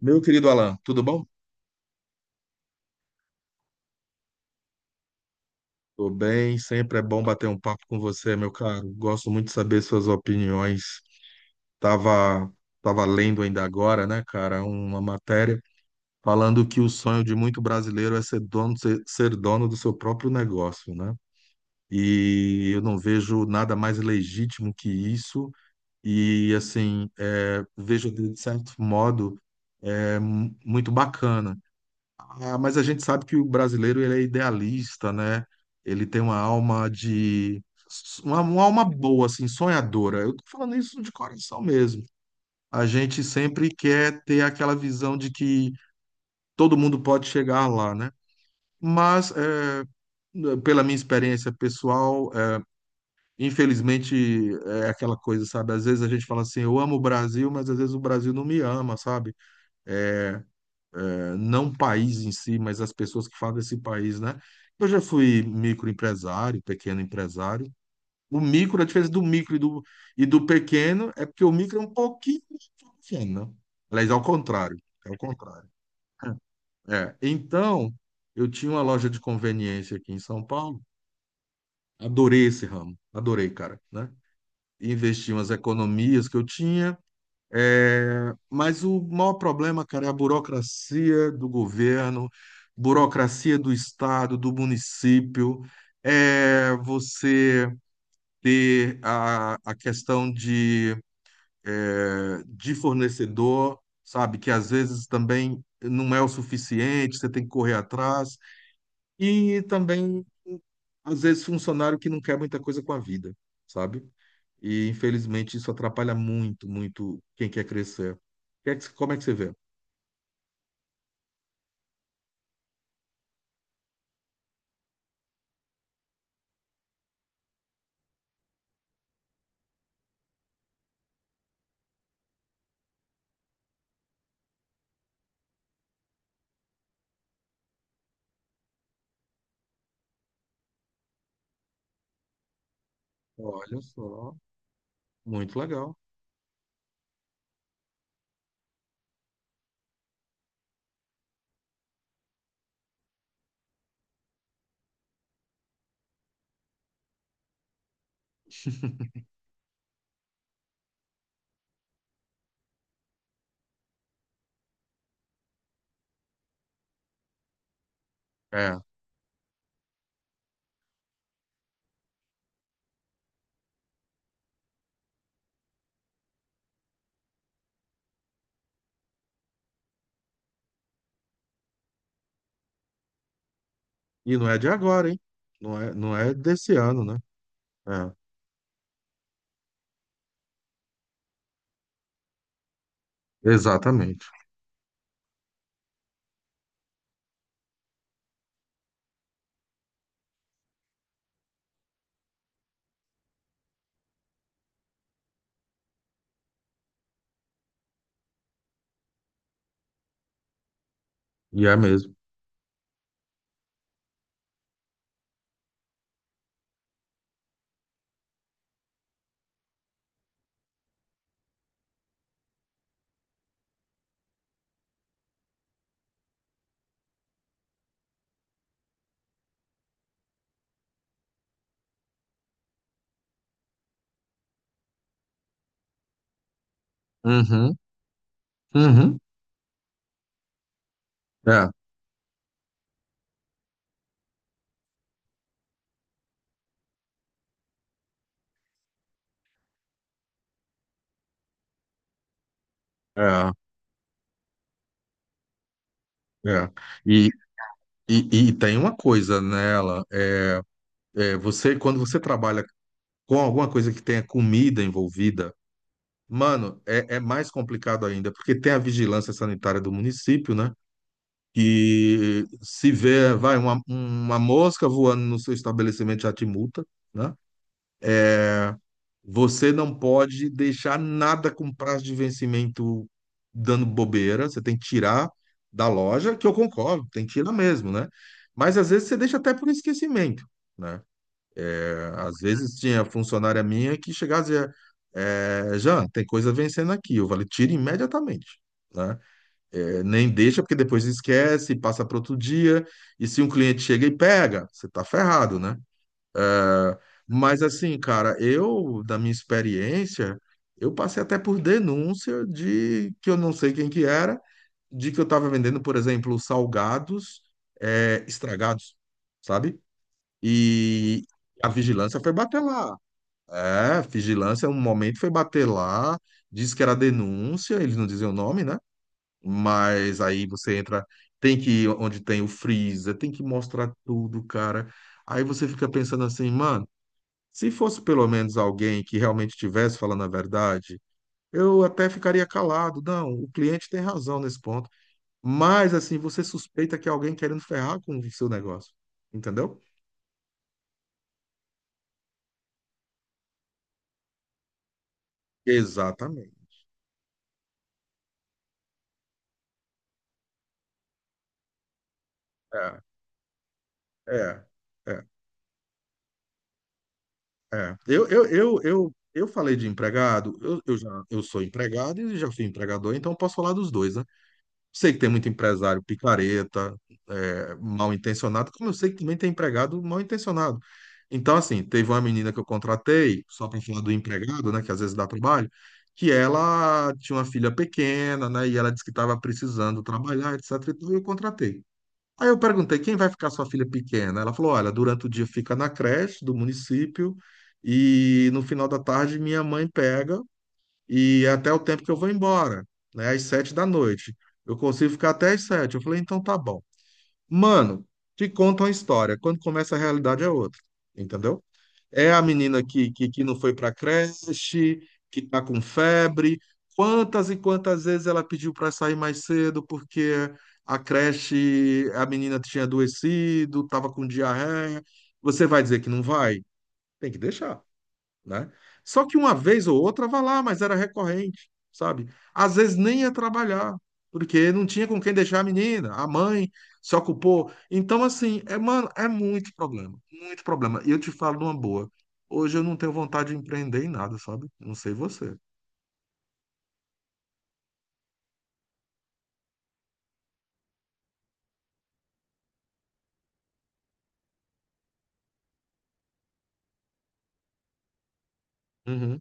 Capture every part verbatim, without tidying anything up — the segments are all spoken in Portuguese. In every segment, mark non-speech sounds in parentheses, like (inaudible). Meu querido Alan, tudo bom? Tô bem, sempre é bom bater um papo com você, meu caro. Gosto muito de saber suas opiniões. Tava, tava lendo ainda agora, né, cara, uma matéria falando que o sonho de muito brasileiro é ser dono, ser, ser dono do seu próprio negócio, né? E eu não vejo nada mais legítimo que isso. E assim, é, vejo de certo modo é, mu- muito bacana. Ah, mas a gente sabe que o brasileiro ele é idealista, né? Ele tem uma alma de uma, uma alma boa, assim, sonhadora. Eu tô falando isso de coração mesmo. A gente sempre quer ter aquela visão de que todo mundo pode chegar lá, né? Mas é, pela minha experiência pessoal, é, infelizmente é aquela coisa, sabe? Às vezes a gente fala assim, eu amo o Brasil, mas às vezes o Brasil não me ama, sabe? É, não o país em si, mas as pessoas que fazem esse país, né? Eu já fui microempresário, pequeno empresário. O micro, a diferença do micro e do, e do pequeno é porque o micro é um pouquinho pequeno, né? Aliás, ao contrário. É o contrário. É. Então, eu tinha uma loja de conveniência aqui em São Paulo. Adorei esse ramo. Adorei, cara, né? Investi umas economias que eu tinha. É, mas o maior problema, cara, é a burocracia do governo, burocracia do estado, do município, é você ter a, a questão de, é, de fornecedor, sabe, que às vezes também não é o suficiente, você tem que correr atrás, e também, às vezes, funcionário que não quer muita coisa com a vida, sabe? E infelizmente isso atrapalha muito, muito quem quer crescer. Que é que- Como é que você vê? Olha só, muito legal. É. E não é de agora, hein? Não é, não é desse ano, né? É, exatamente. E é mesmo. Uhum, uhum. É, é, é. E, e, e tem uma coisa nela. É, é, você, quando você trabalha com alguma coisa que tenha comida envolvida, mano, é, é mais complicado ainda, porque tem a vigilância sanitária do município, né? Que se vê, vai, uma, uma mosca voando no seu estabelecimento já te multa, né? Você não pode deixar nada com prazo de vencimento dando bobeira, você tem que tirar da loja, que eu concordo, tem que tirar mesmo, né? Mas às vezes você deixa até por esquecimento, né? É, às vezes tinha funcionária minha que chegava e dizia, é, Jean, tem coisa vencendo aqui, eu falei, tira imediatamente, né? É, nem deixa, porque depois esquece, passa para outro dia, e se um cliente chega e pega, você tá ferrado, né? É, Mas assim, cara, eu, da minha experiência, eu passei até por denúncia de que eu não sei quem que era, de que eu estava vendendo, por exemplo, salgados, eh, estragados, sabe? E a vigilância foi bater lá. É, a vigilância, um momento foi bater lá, disse que era denúncia, eles não diziam o nome, né? Mas aí você entra, tem que ir onde tem o freezer, tem que mostrar tudo, cara. Aí você fica pensando assim, mano, se fosse pelo menos alguém que realmente estivesse falando a verdade, eu até ficaria calado. Não, o cliente tem razão nesse ponto. Mas assim, você suspeita que é alguém querendo ferrar com o seu negócio, entendeu? Exatamente. É, é, é, é. Eu, eu, eu, eu, eu falei de empregado, eu, eu já, eu sou empregado e já fui empregador, então eu posso falar dos dois, né? Sei que tem muito empresário picareta, é, mal intencionado, como eu sei que também tem empregado mal intencionado. Então, assim, teve uma menina que eu contratei, só para falar do empregado, né, que às vezes dá trabalho, que ela tinha uma filha pequena, né, e ela disse que estava precisando trabalhar, et cetera. E tudo, e eu contratei. Aí eu perguntei, quem vai ficar sua filha pequena? Ela falou, olha, durante o dia fica na creche do município e no final da tarde minha mãe pega e até o tempo que eu vou embora, né? Às sete da noite. Eu consigo ficar até às sete. Eu falei, então tá bom. Mano, te conta uma história. Quando começa a realidade é outra, entendeu? É a menina que, que, que não foi pra creche, que tá com febre. Quantas e quantas vezes ela pediu para sair mais cedo porque a creche, a menina tinha adoecido, tava com diarreia. Você vai dizer que não vai? Tem que deixar, né? Só que uma vez ou outra vai lá, mas era recorrente, sabe? Às vezes nem ia trabalhar, porque não tinha com quem deixar a menina, a mãe se ocupou. Então, assim, é, mano, é muito problema, muito problema. E eu te falo numa boa, hoje eu não tenho vontade de empreender em nada, sabe? Não sei você. Uhum.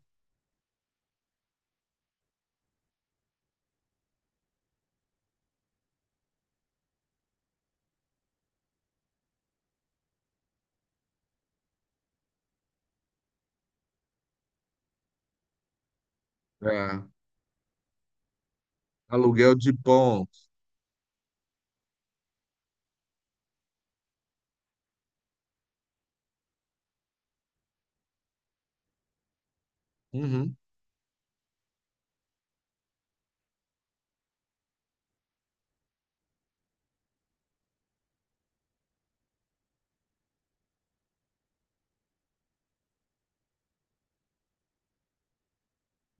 É. Aluguel de pontos. Uhum.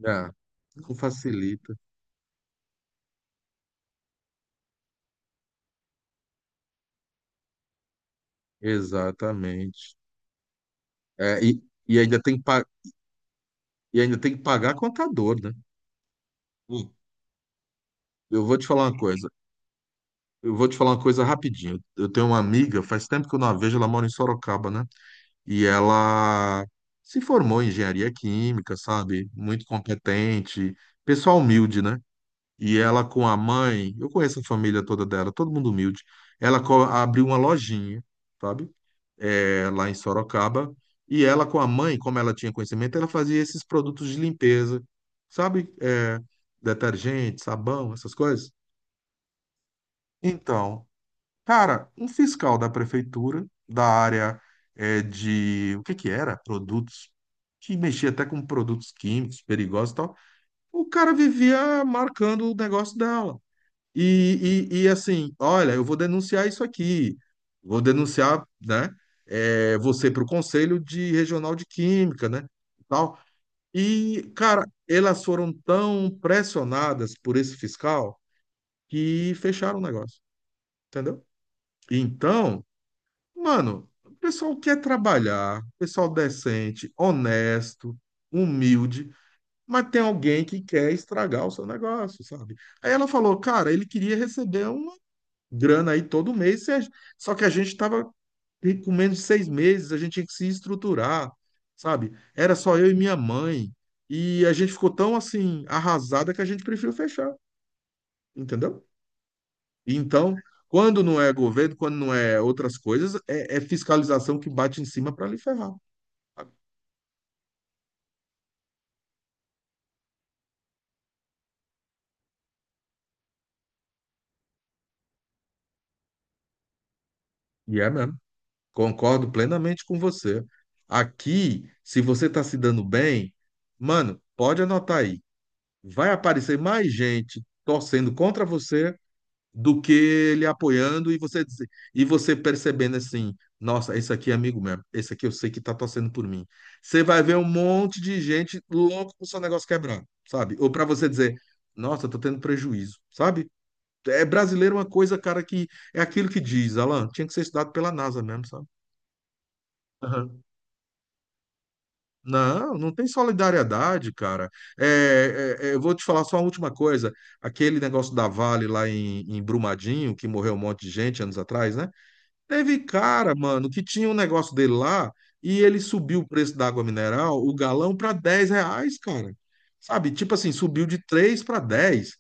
É. Não facilita. Exatamente. É, e, e ainda tem que pa- e ainda tem que pagar contador, né? Hum. Eu vou te falar uma coisa. Eu vou te falar uma coisa rapidinho. Eu tenho uma amiga, faz tempo que eu não a vejo, ela mora em Sorocaba, né? E ela se formou em engenharia química, sabe? Muito competente, pessoal humilde, né? E ela com a mãe, eu conheço a família toda dela, todo mundo humilde. Ela co- abriu uma lojinha, sabe? É, lá em Sorocaba. E ela com a mãe, como ela tinha conhecimento, ela fazia esses produtos de limpeza, sabe? É, detergente, sabão, essas coisas. Então, cara, um fiscal da prefeitura, da área, é, de... O que que era? Produtos. Que mexia até com produtos químicos perigosos e tal. O cara vivia marcando o negócio dela. E, e, e assim, olha, eu vou denunciar isso aqui. Vou denunciar, né? é, você para o Conselho de Regional de Química, né? E tal. E, cara, elas foram tão pressionadas por esse fiscal que fecharam o negócio, entendeu? Então. Mano, o pessoal quer trabalhar, pessoal decente, honesto, humilde, mas tem alguém que quer estragar o seu negócio, sabe? Aí ela falou, cara, ele queria receber uma grana aí todo mês, se a- só que a gente tava com menos de seis meses, a gente tinha que se estruturar, sabe? Era só eu e minha mãe, e a gente ficou tão assim, arrasada que a gente preferiu fechar, entendeu? Então, quando não é governo, quando não é outras coisas, é, é fiscalização que bate em cima para lhe ferrar. E é mesmo. Concordo plenamente com você. Aqui, se você está se dando bem, mano, pode anotar aí. Vai aparecer mais gente torcendo contra você do que ele apoiando e você dizer- e você percebendo assim, nossa, esse aqui é amigo mesmo, esse aqui eu sei que tá torcendo por mim. Você vai ver um monte de gente louco com o seu negócio quebrando, sabe? Ou para você dizer, nossa, eu tô tendo prejuízo, sabe? É, brasileiro é uma coisa, cara, que é aquilo que diz, Alan, tinha que ser estudado pela NASA mesmo, sabe? Aham. Não, não tem solidariedade, cara. É, é, é, eu vou te falar só uma última coisa. Aquele negócio da Vale lá em, em Brumadinho, que morreu um monte de gente anos atrás, né? Teve cara, mano, que tinha um negócio dele lá e ele subiu o preço da água mineral, o galão, para dez reais, cara. Sabe? Tipo assim, subiu de três para dez.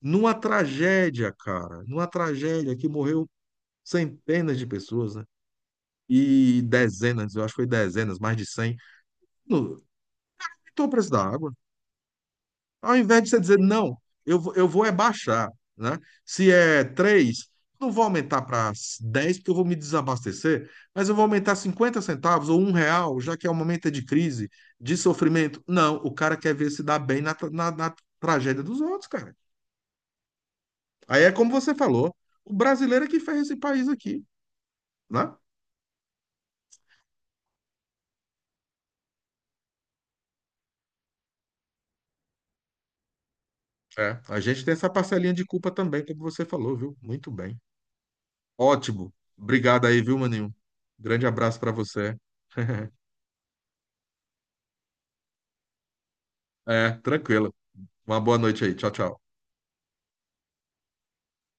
Numa tragédia, cara. Numa tragédia que morreu centenas de pessoas, né? E dezenas, eu acho que foi dezenas, mais de cem. No, aumentou o preço da água. Ao invés de você dizer, não, eu, vou- eu vou é baixar, né? Se é três, não vou aumentar para dez porque eu vou me desabastecer, mas eu vou aumentar cinquenta centavos ou um real, já que é um momento de crise, de sofrimento. Não, o cara quer ver se dá bem na, tra- na, na tragédia dos outros, cara. Aí é como você falou, o brasileiro é que fez esse país aqui, né? É, a gente tem essa parcelinha de culpa também, como você falou, viu? Muito bem. Ótimo. Obrigado aí, viu, Maninho? Grande abraço para você. (laughs) É, tranquilo. Uma boa noite aí. Tchau, tchau.